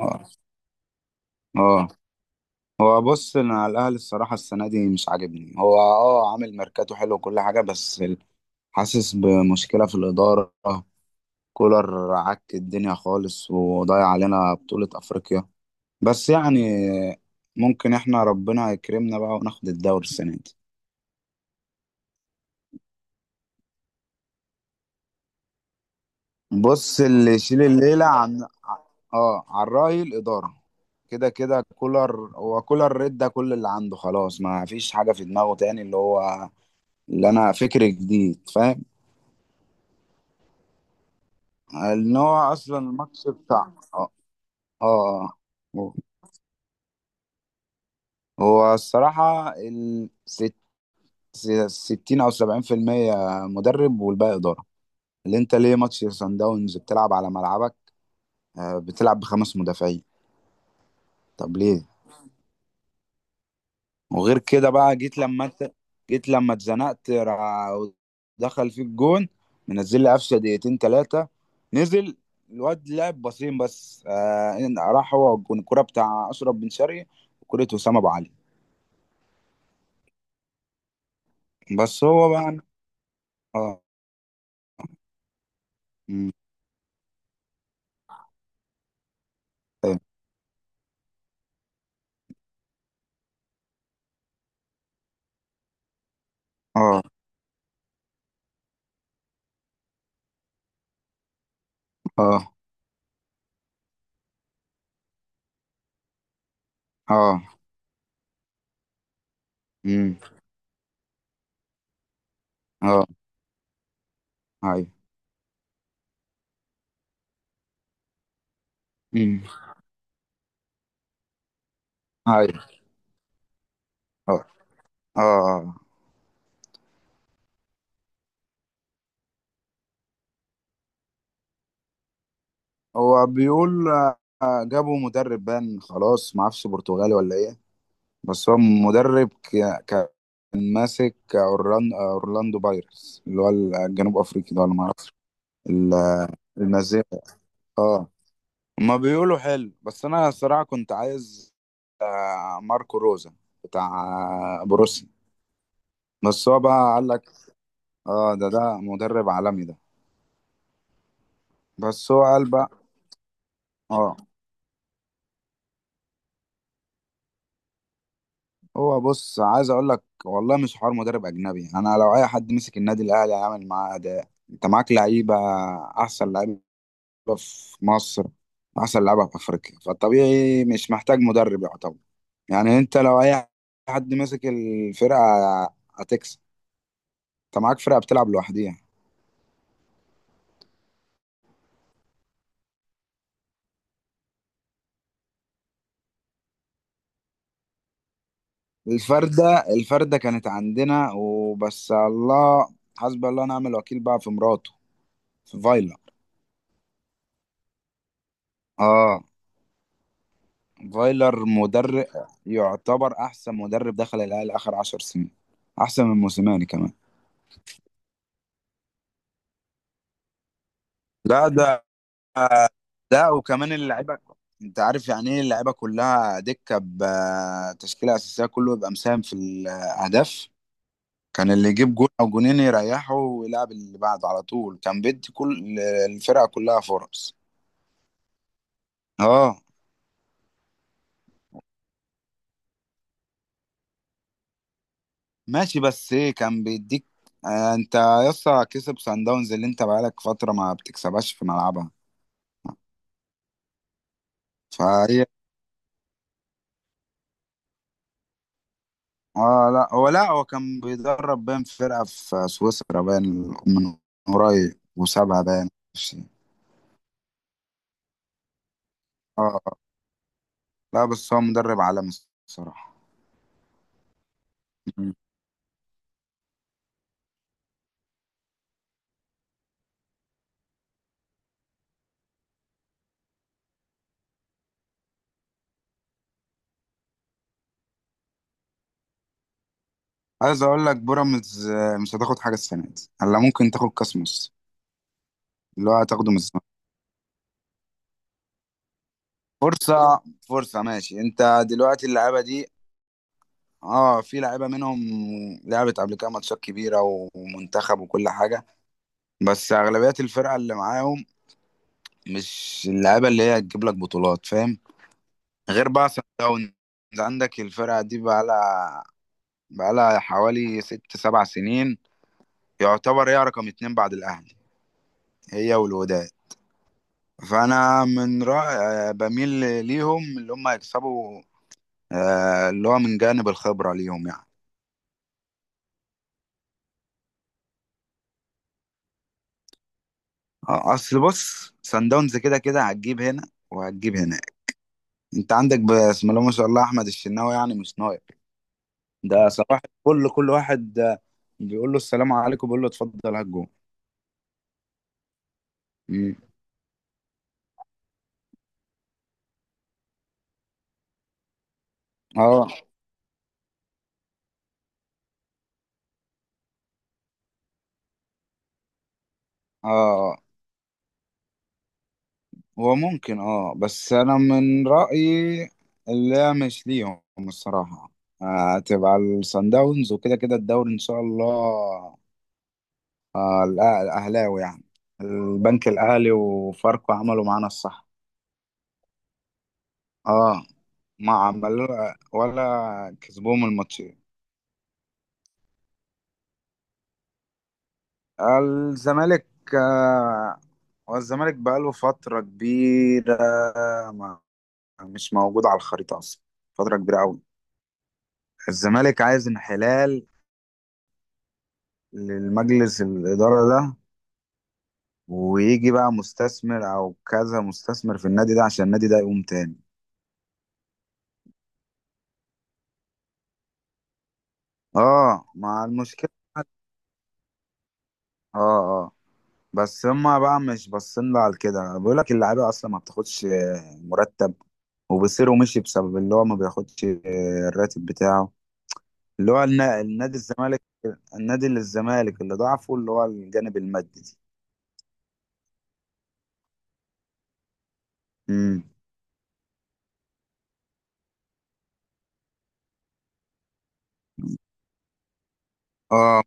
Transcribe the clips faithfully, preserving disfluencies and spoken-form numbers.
اه اه هو بص، انا على الاهلي الصراحه السنه دي مش عاجبني. هو اه عامل ميركاتو حلو وكل حاجه، بس ال- حاسس بمشكله في الاداره. كولر عك الدنيا خالص وضيع علينا بطوله افريقيا، بس يعني ممكن احنا ربنا يكرمنا بقى وناخد الدوري السنه دي. بص، اللي يشيل الليله عن اه عن راي الاداره. كده كده كولر، هو كولر رد كل اللي عنده خلاص، ما فيش حاجه في دماغه تاني، اللي هو اللي انا فكر جديد، فاهم؟ ان هو اصلا الماتش بتاع اه اه آه. هو الصراحه ال ست- س- ستين او سبعين في المية مدرب والباقي اداره. اللي انت ليه ماتش سان داونز بتلعب على ملعبك، آه، بتلعب بخمس مدافعين؟ طب ليه؟ وغير كده بقى، جيت لما انت جيت لما اتزنقت را- دخل فيك جون، منزل لي قفشه دقيقتين ثلاثه، نزل الواد لعب باصين بس، آه، إن- راح هو والجون. الكوره بتاع اشرف بن شرقي وكوره وسام ابو علي. بس هو بقى اه مم. اه اه اه اه مم. اه هاي. مم. هاي. اه اه آه. هو بيقول آه، جابوا مدرب بان، خلاص ما اعرفش برتغالي ولا ايه. بس هو مدرب ك... كان ماسك أورلان... اورلاندو بايرتس، اللي هو الجنوب افريقي ده، ولا ما اعرفش. ال- النازيه. اه، ما بيقولوا حلو، بس انا الصراحه كنت عايز آه، ماركو روزا، بتاع آه، بروسيا. بس هو بقى قال لك اه، ده ده مدرب عالمي ده. بس هو قال بقى اه، هو بص، عايز اقول لك والله مش حوار مدرب اجنبي. انا لو اي حد مسك النادي الاهلي هيعمل معاه اداء. انت معاك لعيبه، احسن لعيبه في مصر، احسن لعيبه في افريقيا، فالطبيعي مش محتاج مدرب، يعتبر. يعني انت لو اي حد مسك الفرقه هتكسب. انت معاك فرقه بتلعب لوحديها. الفرده الفرده كانت عندنا، وبس الله حسبي الله ونعم الوكيل بقى في مراته، في فايلر. اه، فايلر مدرب يعتبر احسن مدرب دخل الاهلي اخر عشر سنين، احسن من موسيماني كمان. لا ده، ده وكمان اللعيبه، انت عارف يعني ايه اللعيبه كلها دكه بتشكيله اساسيه كله يبقى مساهم في الاهداف. كان اللي يجيب جول او جونين يريحه ويلعب اللي بعده على طول، كان بيدي كل الفرقه كلها فرص. اه، ماشي، بس ايه كان بيديك آه، انت يسطا كسب سان داونز اللي انت بقالك فتره ما بتكسبهاش في ملعبها. فهي اه، لا هو، لا هو كان بيدرب بين فرقه في سويسرا بين من قريب، وسابها بين اه آه. لا بس هو مدرب عالمي الصراحة. مم. عايز اقول لك بيراميدز آه، مش هتاخد حاجة السنة دي. هلا ممكن تاخد كاس مصر، اللي هو هتاخده من الزمالك. فرصة، فرصة، ماشي. انت دلوقتي اللعيبة دي، اه، في لعيبة منهم لعبت قبل كده ماتشات كبيرة ومنتخب وكل حاجة، بس اغلبية الفرقة اللي معاهم مش اللعيبة اللي هي هتجيب لك بطولات، فاهم؟ غير بقى سان داونز. عندك الفرقة دي بقى لها بقى لها حوالي ست سبع سنين، يعتبر هي رقم اتنين بعد الاهلي، هي والوداد. فانا من رأي بميل ليهم اللي هم يكسبوا آه، اللي هو من جانب الخبره ليهم يعني. آه، اصل بص، سان داونز كده كده هتجيب هنا وهتجيب هنا. انت عندك بسم الله ما شاء الله احمد الشناوي، يعني مش نايم، ده صباح كل كل واحد آه، بيقول له السلام عليكم بيقول له اتفضل هات جون. مم. اه اه هو ممكن اه، بس انا من رأيي لا، مش ليهم الصراحة. آه، هتبقى الصن داونز، وكده كده الدوري ان شاء الله آه، الأه- الاهلاوي يعني، البنك الاهلي وفاركو عملوا معانا الصح. اه، ما عملوا، ولا كسبوهم الماتشين. الزمالك آه، هو الزمالك بقاله فترة كبيرة ما مش موجود على الخريطة اصلا، فترة كبيرة قوي. الزمالك عايز انحلال للمجلس الإدارة ده، ويجي بقى مستثمر أو كذا مستثمر في النادي ده عشان النادي ده يقوم تاني. اه، مع المشكلة، اه اه بس هما بقى مش باصين لها على كده، بيقول لك اللعيبة أصلا ما بتاخدش آه، مرتب، وبيصيروا مشي بسبب اللي هو ما بياخدش آه، الراتب بتاعه، اللي هو النا- النادي الزمالك، النادي للزمالك اللي ضعفه اللي هو الجانب المادي دي. امم، اه،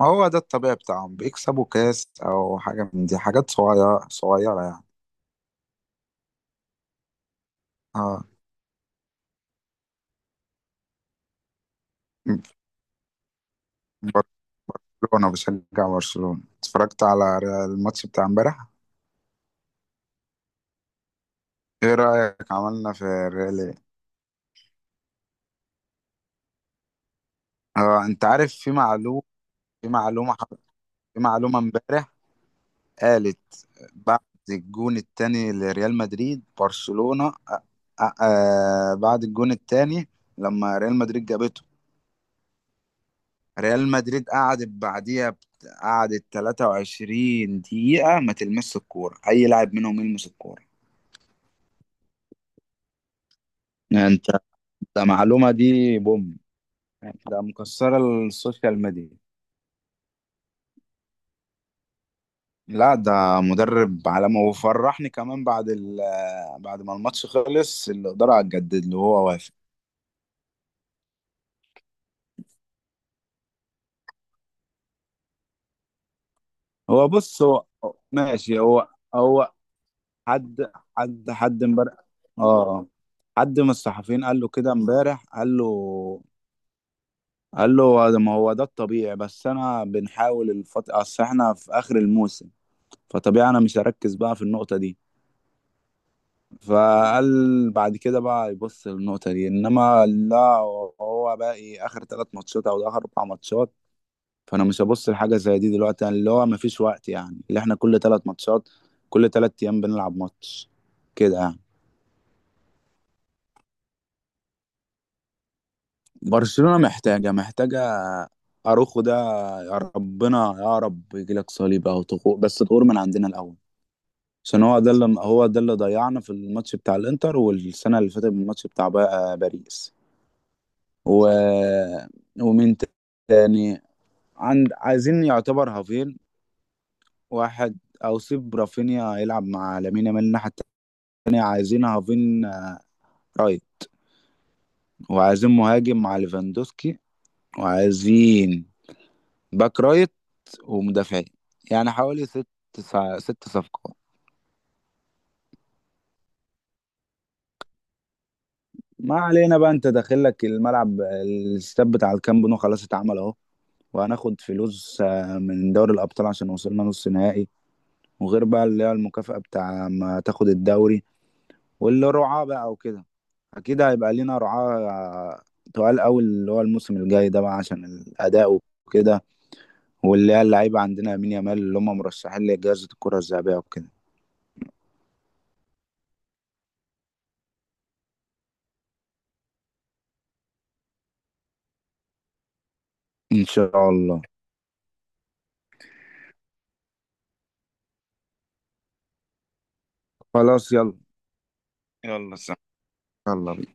ما هو ده الطبيعي بتاعهم، بيكسبوا كاس او حاجه من دي، حاجات صغيره صغيره يعني. اه، بر- برشلونه، بشجع برشلونه، اتفرجت على ري- الماتش بتاع امبارح. ايه رايك عملنا في الريال إيه؟ اه، انت عارف في معلومه، في معلومه ح- في معلومه امبارح قالت بعد الجون التاني لريال مدريد، برشلونه آه آه آه، بعد الجون التاني لما ريال مدريد جابته، ريال مدريد قعدت بعديها بت- قعدت تلاتة وعشرين دقيقة ما تلمس الكورة، أي لاعب منهم يلمس الكورة. يعني أنت، ده معلومة دي بوم، يعني ده مكسرة السوشيال ميديا. لا، ده مدرب عالمي، وفرحني كمان بعد ال بعد ما الماتش خلص الإدارة هتجدد له هو وافق. هو بص هو ماشي. هو هو حد حد حد امبارح، اه، حد من الصحفيين قال له كده امبارح، قال له، قال له ده- ما هو ده الطبيعي، بس انا بنحاول الفت... اصل احنا في اخر الموسم، فطبيعي انا مش هركز بقى في النقطة دي. فقال بعد كده بقى يبص للنقطة دي، انما لا، هو باقي اخر تلات ماتشات او اخر اربع ماتشات، فانا مش هبص لحاجة زي دي دلوقتي، يعني اللي هو مفيش وقت، يعني اللي احنا كل تلات ماتشات، كل تلات ايام بنلعب ماتش كده يعني. برشلونة محتاجة محتاجة اروخو ده، يا ربنا يا رب يجيلك صليب او تخور، بس تخور من عندنا الاول، عشان هو ده اللي هو ده اللي ضيعنا في الماتش بتاع الانتر، والسنه اللي فاتت الماتش بتاع با- باريس و... ومين تاني. عند عايزين يعتبر هافين واحد، او سيب رافينيا يلعب مع لامين يامال الناحيه التانيه، عايزين هافين آه، رايت، وعايزين مهاجم مع ليفاندوسكي، وعايزين باك رايت ومدافعين، يعني حوالي ست سع- ست صفقات. ما علينا بقى، انت داخل لك الملعب الاستاد بتاع الكامب نو خلاص اتعمل اهو، وهناخد فلوس آه، من دوري الأبطال عشان وصلنا نص نهائي، وغير بقى اللي هي المكافأة بتاع ما تاخد الدوري، واللي رعاة بقى وكده، أكيد هيبقى لينا رعاة آه، تقال أوي اللي هو الموسم الجاي ده بقى عشان الأداء وكده، واللي هي اللعيبة عندنا يمين يامال اللي هم مرشحين لجائزة الكرة الذهبية وكده. إن شاء الله. خلاص يلا. يلا سلام. يلا.